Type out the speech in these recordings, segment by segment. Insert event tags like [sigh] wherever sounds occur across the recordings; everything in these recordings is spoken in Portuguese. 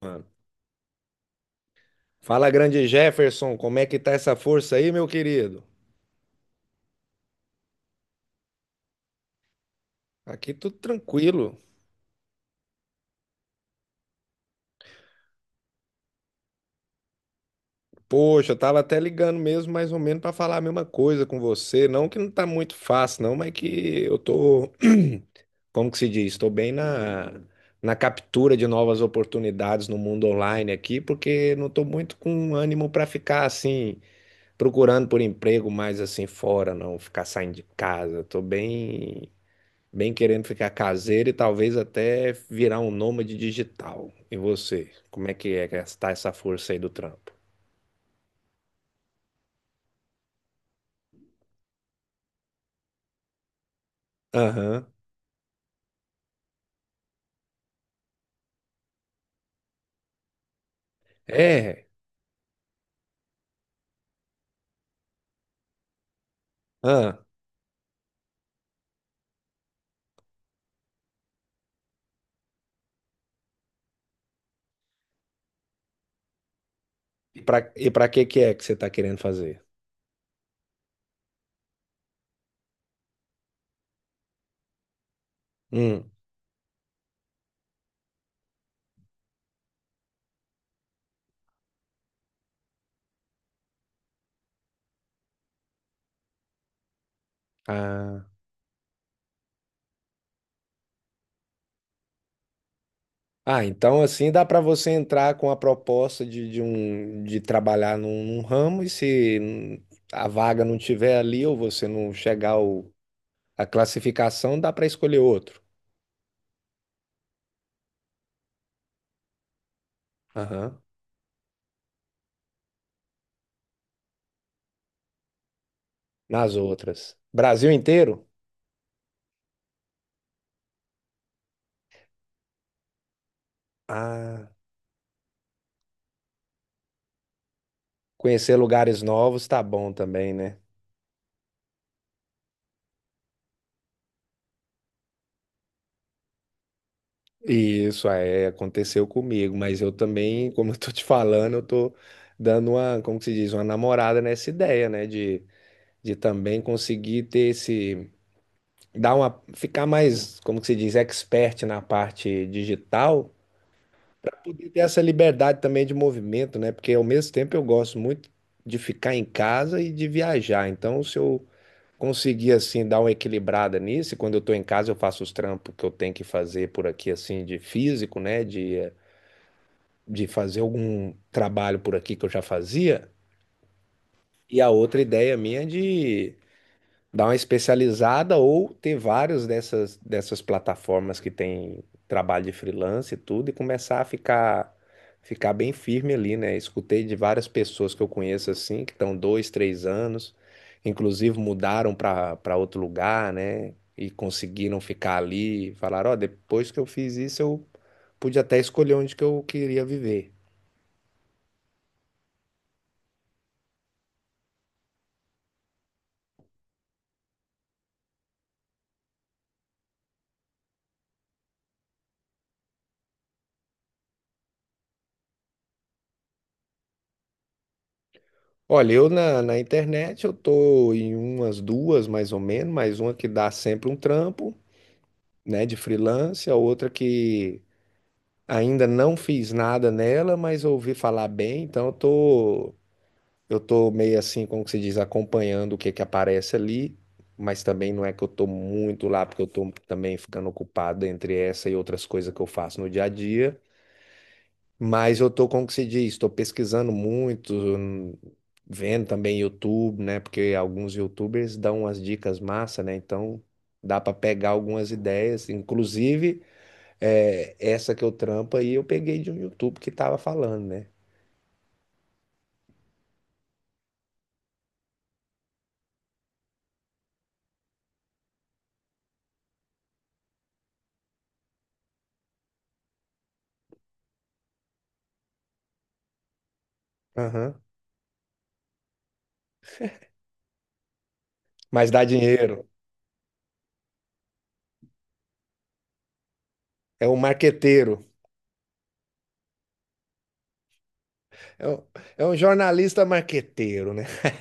Mano. Fala, grande Jefferson, como é que tá essa força aí, meu querido? Aqui tudo tranquilo. Poxa, eu tava até ligando mesmo, mais ou menos, pra falar a mesma coisa com você. Não que não tá muito fácil, não, mas que eu tô, [clears throat] como que se diz? Estou bem na, na captura de novas oportunidades no mundo online aqui, porque não tô muito com ânimo pra ficar assim, procurando por emprego mais assim fora, não, ficar saindo de casa. Tô bem bem querendo ficar caseiro e talvez até virar um nômade digital. E você? Como é que é gastar essa força aí do trampo? Aham. É. Ah. E e pra que que é que você tá querendo fazer? Hum. Ah. Ah, então assim dá pra você entrar com a proposta de um de trabalhar num, num ramo e se a vaga não tiver ali ou você não chegar ao, a classificação, dá pra escolher outro. Aham. Nas outras. Brasil inteiro? Ah. Conhecer lugares novos tá bom também, né? E isso é, aconteceu comigo, mas eu também, [laughs] como eu tô te falando, eu tô dando uma, como que se diz, uma namorada nessa ideia, né? De também conseguir ter esse, dar uma, ficar mais, como que se diz, expert na parte digital, poder ter essa liberdade também de movimento, né? Porque ao mesmo tempo eu gosto muito de ficar em casa e de viajar. Então, se eu conseguir assim dar uma equilibrada nisso, e quando eu tô em casa eu faço os trampos que eu tenho que fazer por aqui assim de físico, né, de fazer algum trabalho por aqui que eu já fazia. E a outra ideia minha é de dar uma especializada ou ter várias dessas, dessas plataformas que tem trabalho de freelance e tudo e começar a ficar ficar bem firme ali, né? Escutei de várias pessoas que eu conheço assim, que estão dois, três anos, inclusive mudaram para outro lugar, né? E conseguiram ficar ali, falaram, ó, depois que eu fiz isso, eu pude até escolher onde que eu queria viver. Olha, eu na, na internet eu tô em umas duas mais ou menos, mais uma que dá sempre um trampo, né, de freelance, a outra que ainda não fiz nada nela, mas ouvi falar bem, então eu tô meio assim, como que se diz, acompanhando o que que aparece ali, mas também não é que eu tô muito lá, porque eu tô também ficando ocupado entre essa e outras coisas que eu faço no dia a dia, mas eu tô, como que se diz, tô pesquisando muito, vendo também YouTube, né, porque alguns YouTubers dão umas dicas massa, né, então dá para pegar algumas ideias, inclusive é, essa que eu trampo aí eu peguei de um YouTube que tava falando, né? Aham. Mas dá dinheiro. É um marqueteiro. É um, é um jornalista marqueteiro, né? [laughs]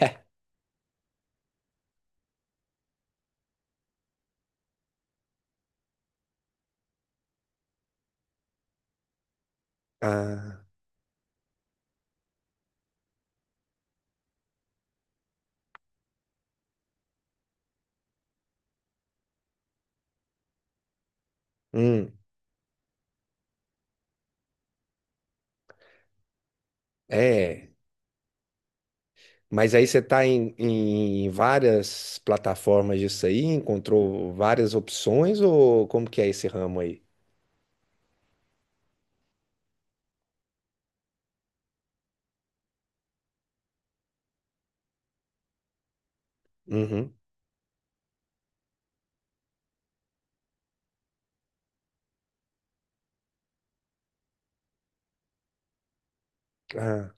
Ah, hum, é. Mas aí você tá em, em várias plataformas disso aí, encontrou várias opções ou como que é esse ramo aí? Uhum. Ah,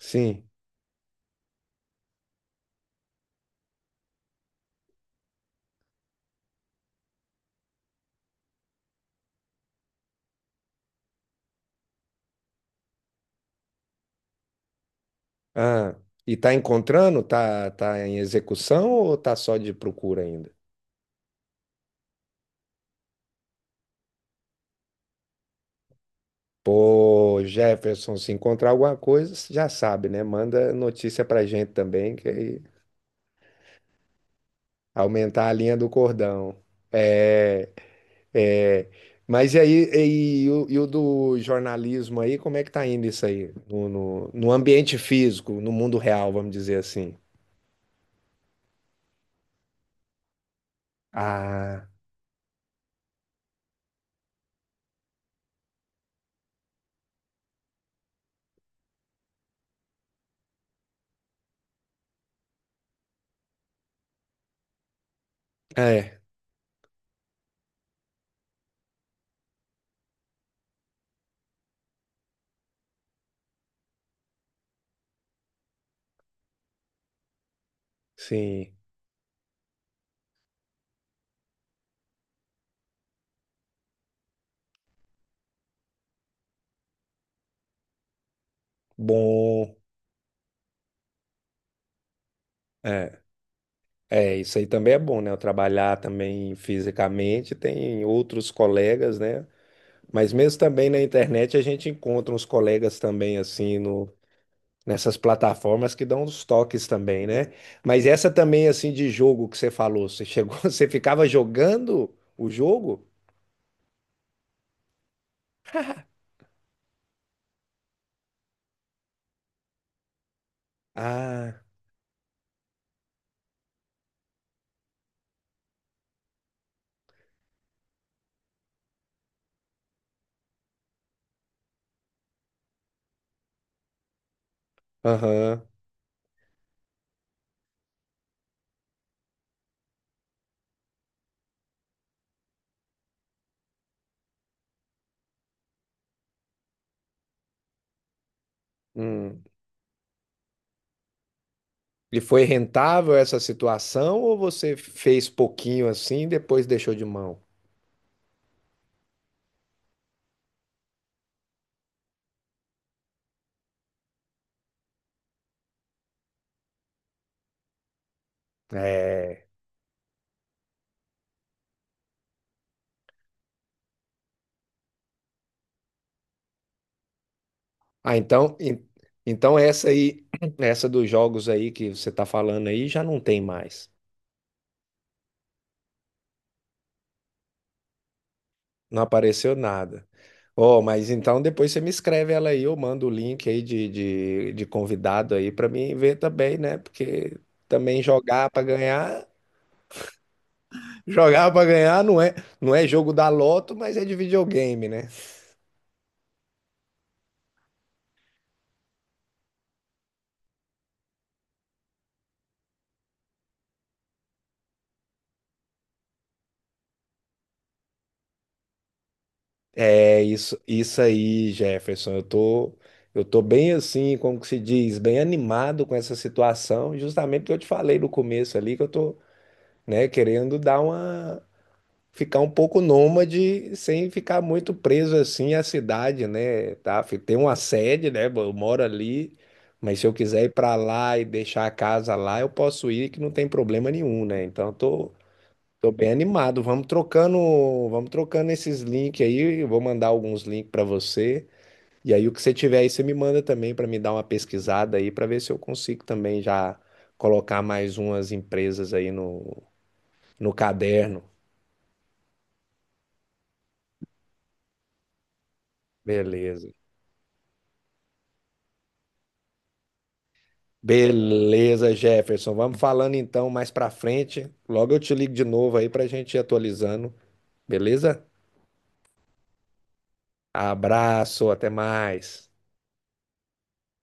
sim. Ah, e tá encontrando? Tá, tá em execução ou tá só de procura ainda? Pô, Jefferson, se encontrar alguma coisa, você já sabe, né? Manda notícia pra gente também, que aí aumentar a linha do cordão. É, é. Mas e aí, e o do jornalismo aí, como é que tá indo isso aí? No ambiente físico, no mundo real, vamos dizer assim. Ah, é, sim. Bom, é. É, isso aí também é bom, né? Eu trabalhar também fisicamente, tem outros colegas, né? Mas mesmo também na internet a gente encontra uns colegas também assim no nessas plataformas que dão uns toques também, né? Mas essa também assim de jogo que você falou, você chegou, [laughs] você ficava jogando o jogo? Ah, aham. Hum. E foi rentável essa situação ou você fez pouquinho assim e depois deixou de mão? É. Ah, então, então essa aí, [clears throat] essa dos jogos aí que você tá falando aí já não tem mais. Não apareceu nada. Ó, mas então depois você me escreve ela aí, eu mando o link aí de convidado aí pra mim ver também, né? Porque também jogar pra ganhar, [laughs] jogar pra ganhar não é, não é jogo da loto, mas é de videogame, né? É isso, isso aí, Jefferson. Eu tô bem assim, como que se diz, bem animado com essa situação, justamente porque eu te falei no começo ali que eu tô, né, querendo dar uma ficar um pouco nômade sem ficar muito preso assim à cidade, né? Tá? Tem uma sede, né? Eu moro ali, mas se eu quiser ir para lá e deixar a casa lá, eu posso ir que não tem problema nenhum, né? Então eu tô tô bem animado. Vamos trocando esses links aí. Eu vou mandar alguns links para você. E aí o que você tiver aí, você me manda também para me dar uma pesquisada aí para ver se eu consigo também já colocar mais umas empresas aí no, no caderno. Beleza. Beleza, Jefferson. Vamos falando então mais pra frente. Logo eu te ligo de novo aí pra gente ir atualizando. Beleza? Abraço, até mais.